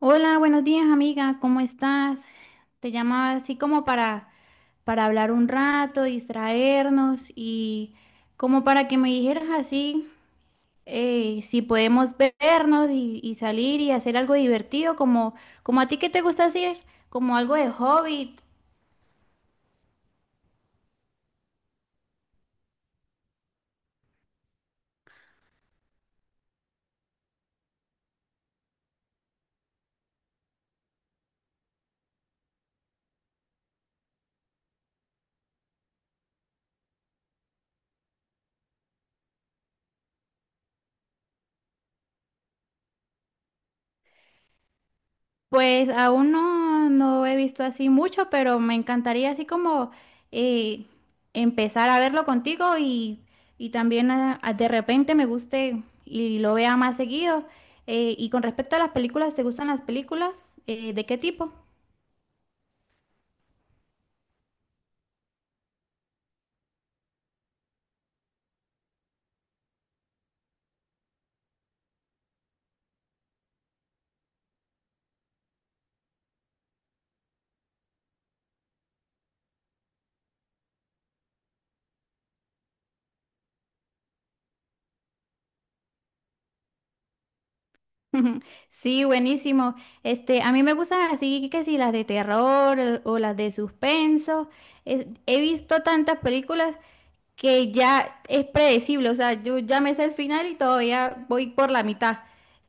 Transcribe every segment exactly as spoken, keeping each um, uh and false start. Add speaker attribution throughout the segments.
Speaker 1: Hola, buenos días, amiga, ¿cómo estás? Te llamaba así como para, para hablar un rato, distraernos y como para que me dijeras así eh, si podemos vernos y, y salir y hacer algo divertido, como, como a ti que te gusta hacer, como algo de hobby. Pues aún no, no he visto así mucho, pero me encantaría así como eh, empezar a verlo contigo y, y también ah, ah, de repente me guste y lo vea más seguido. Eh, y con respecto a las películas, ¿te gustan las películas? Eh, ¿de qué tipo? Sí, buenísimo. Este, a mí me gustan así que si las de terror el- o las de suspenso. Es- he visto tantas películas que ya es predecible, o sea, yo ya me sé el final y todavía voy por la mitad.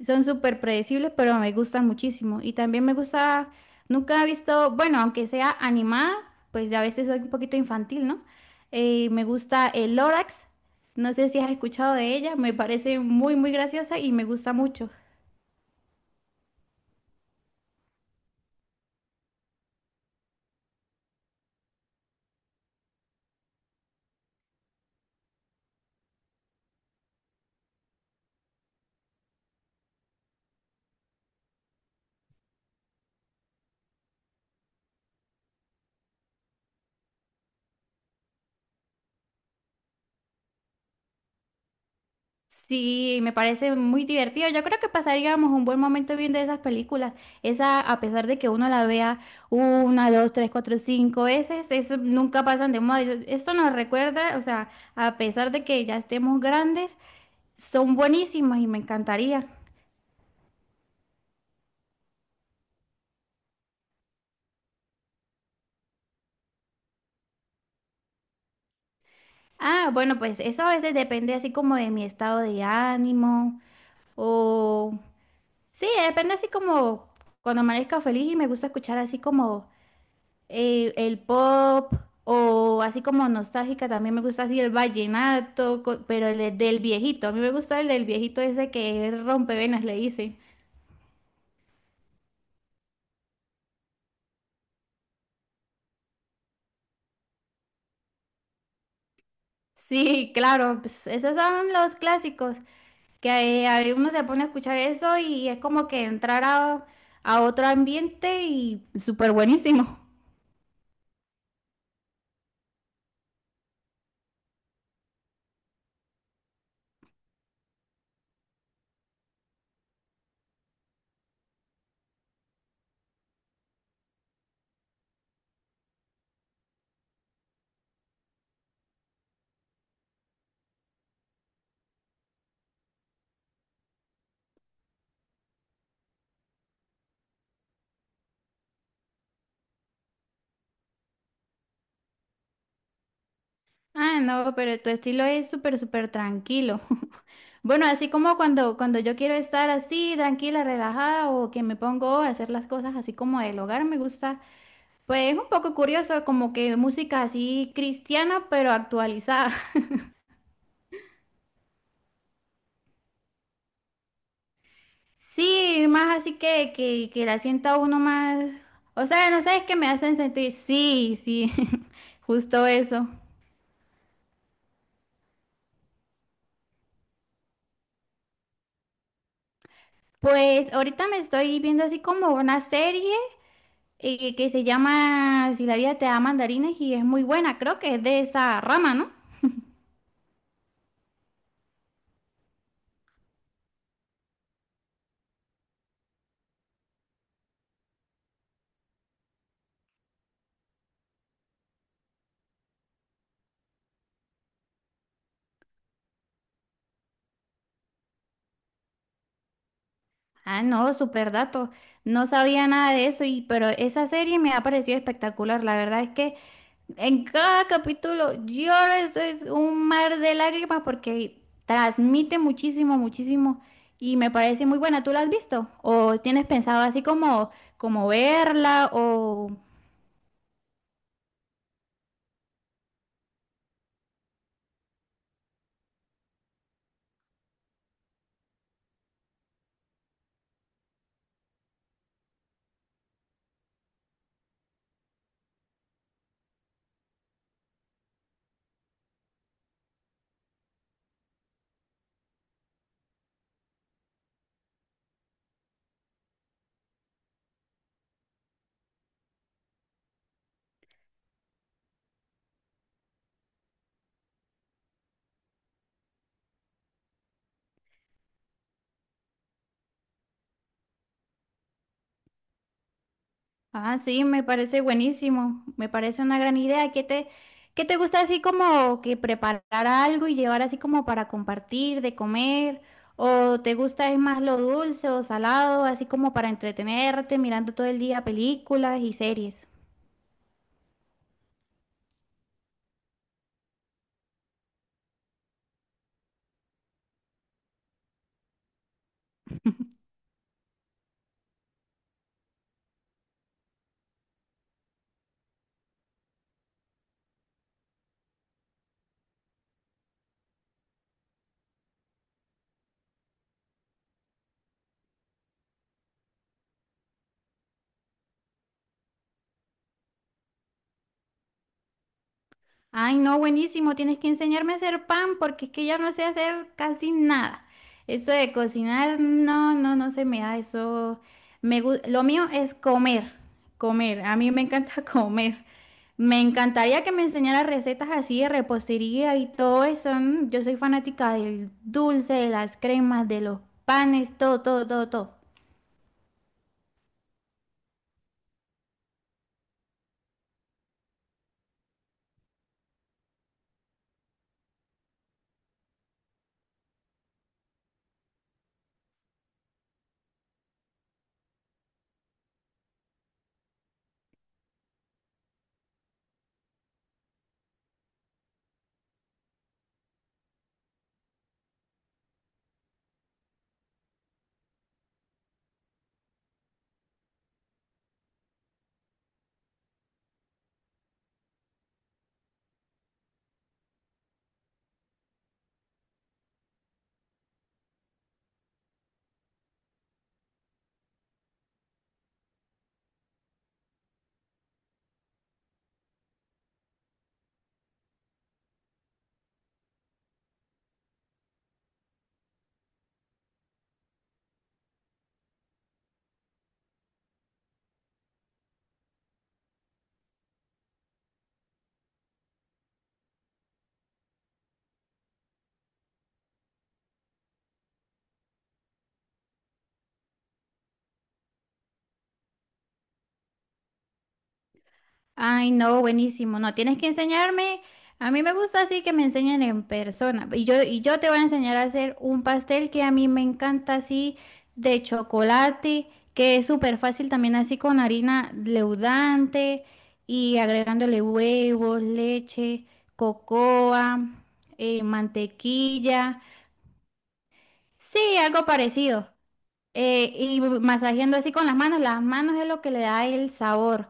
Speaker 1: Son súper predecibles, pero me gustan muchísimo. Y también me gusta, nunca he visto, bueno, aunque sea animada, pues ya a veces soy un poquito infantil, ¿no? Eh, me gusta el Lorax, no sé si has escuchado de ella, me parece muy, muy graciosa y me gusta mucho. Sí, me parece muy divertido. Yo creo que pasaríamos un buen momento viendo esas películas. Esa, a pesar de que uno la vea una, dos, tres, cuatro, cinco veces, eso nunca pasan de moda. Yo- Esto nos recuerda, o sea, a pesar de que ya estemos grandes, son buenísimas y me encantaría. Ah, bueno, pues eso a veces depende así como de mi estado de ánimo o... Sí, depende así como cuando amanezca feliz y me gusta escuchar así como eh, el pop o así como nostálgica, también me gusta así el vallenato, co- pero el de- del viejito, a mí me gusta el del viejito ese que rompevenas le dicen. Sí, claro, pues esos son los clásicos, que eh, ahí uno se pone a escuchar eso y es como que entrar a, a otro ambiente y súper buenísimo. Ah, no, pero tu estilo es súper, súper tranquilo. Bueno, así como cuando, cuando yo quiero estar así, tranquila, relajada, o que me pongo a hacer las cosas así como del hogar, me gusta. Pues es un poco curioso, como que música así cristiana, pero actualizada. Sí, más así que, que, que la sienta uno más. O sea, no sé, es que me hacen sentir. Sí, sí, justo eso. Pues ahorita me estoy viendo así como una serie eh, que se llama Si la vida te da mandarines y es muy buena, creo que es de esa rama, ¿no? Ah, no, super dato. No sabía nada de eso, y, pero esa serie me ha parecido espectacular. La verdad es que en cada capítulo lloro, eso es un mar de lágrimas porque transmite muchísimo, muchísimo y me parece muy buena. ¿Tú la has visto? ¿O tienes pensado así como, como verla? ¿O ah, sí, me parece buenísimo. Me parece una gran idea. ¿Qué te, qué te gusta así como que preparar algo y llevar así como para compartir, de comer? ¿O te gusta es más lo dulce o salado, así como para entretenerte mirando todo el día películas y series? Ay, no, buenísimo. Tienes que enseñarme a hacer pan porque es que ya no sé hacer casi nada. Eso de cocinar, no, no, no se me da. Eso me gu- lo mío es comer, comer. A mí me encanta comer. Me encantaría que me enseñara recetas así de repostería y todo eso. mm, Yo soy fanática del dulce, de las cremas, de los panes, todo, todo, todo, todo. Ay, no, buenísimo. No, tienes que enseñarme. A mí me gusta así que me enseñen en persona. Y yo, y yo te voy a enseñar a hacer un pastel que a mí me encanta así de chocolate, que es súper fácil también así con harina leudante y agregándole huevos, leche, cocoa, eh, mantequilla. Sí, algo parecido. Eh, y masajeando así con las manos. Las manos es lo que le da el sabor.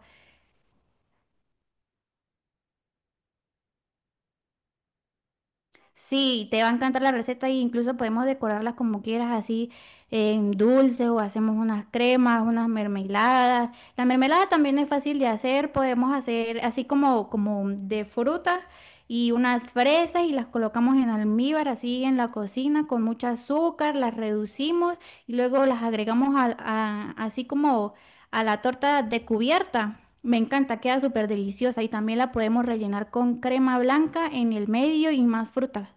Speaker 1: Sí, te va a encantar la receta e incluso podemos decorarlas como quieras, así en dulces o hacemos unas cremas, unas mermeladas. La mermelada también es fácil de hacer, podemos hacer así como, como de frutas y unas fresas y las colocamos en almíbar, así en la cocina con mucho azúcar, las reducimos y luego las agregamos a- a- así como a la torta de cubierta. Me encanta, queda súper deliciosa y también la podemos rellenar con crema blanca en el medio y más frutas.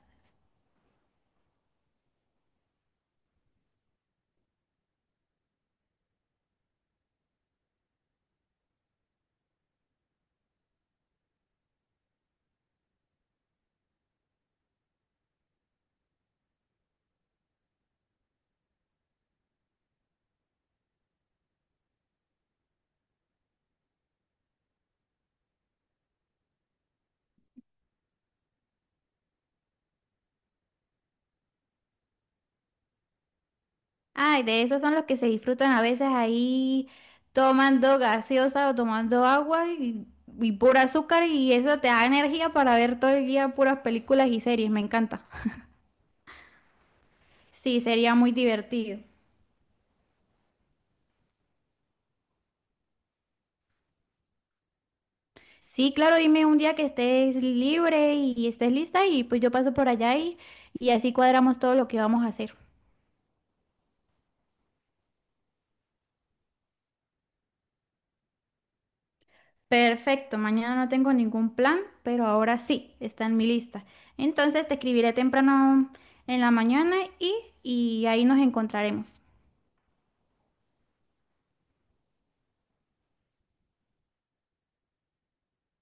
Speaker 1: Ay, de esos son los que se disfrutan a veces ahí tomando gaseosa o tomando agua y, y pura azúcar y eso te da energía para ver todo el día puras películas y series, me encanta. Sí, sería muy divertido. Sí, claro, dime un día que estés libre y estés lista y pues yo paso por allá y, y así cuadramos todo lo que vamos a hacer. Perfecto, mañana no tengo ningún plan, pero ahora sí, está en mi lista. Entonces te escribiré temprano en la mañana y, y ahí nos encontraremos.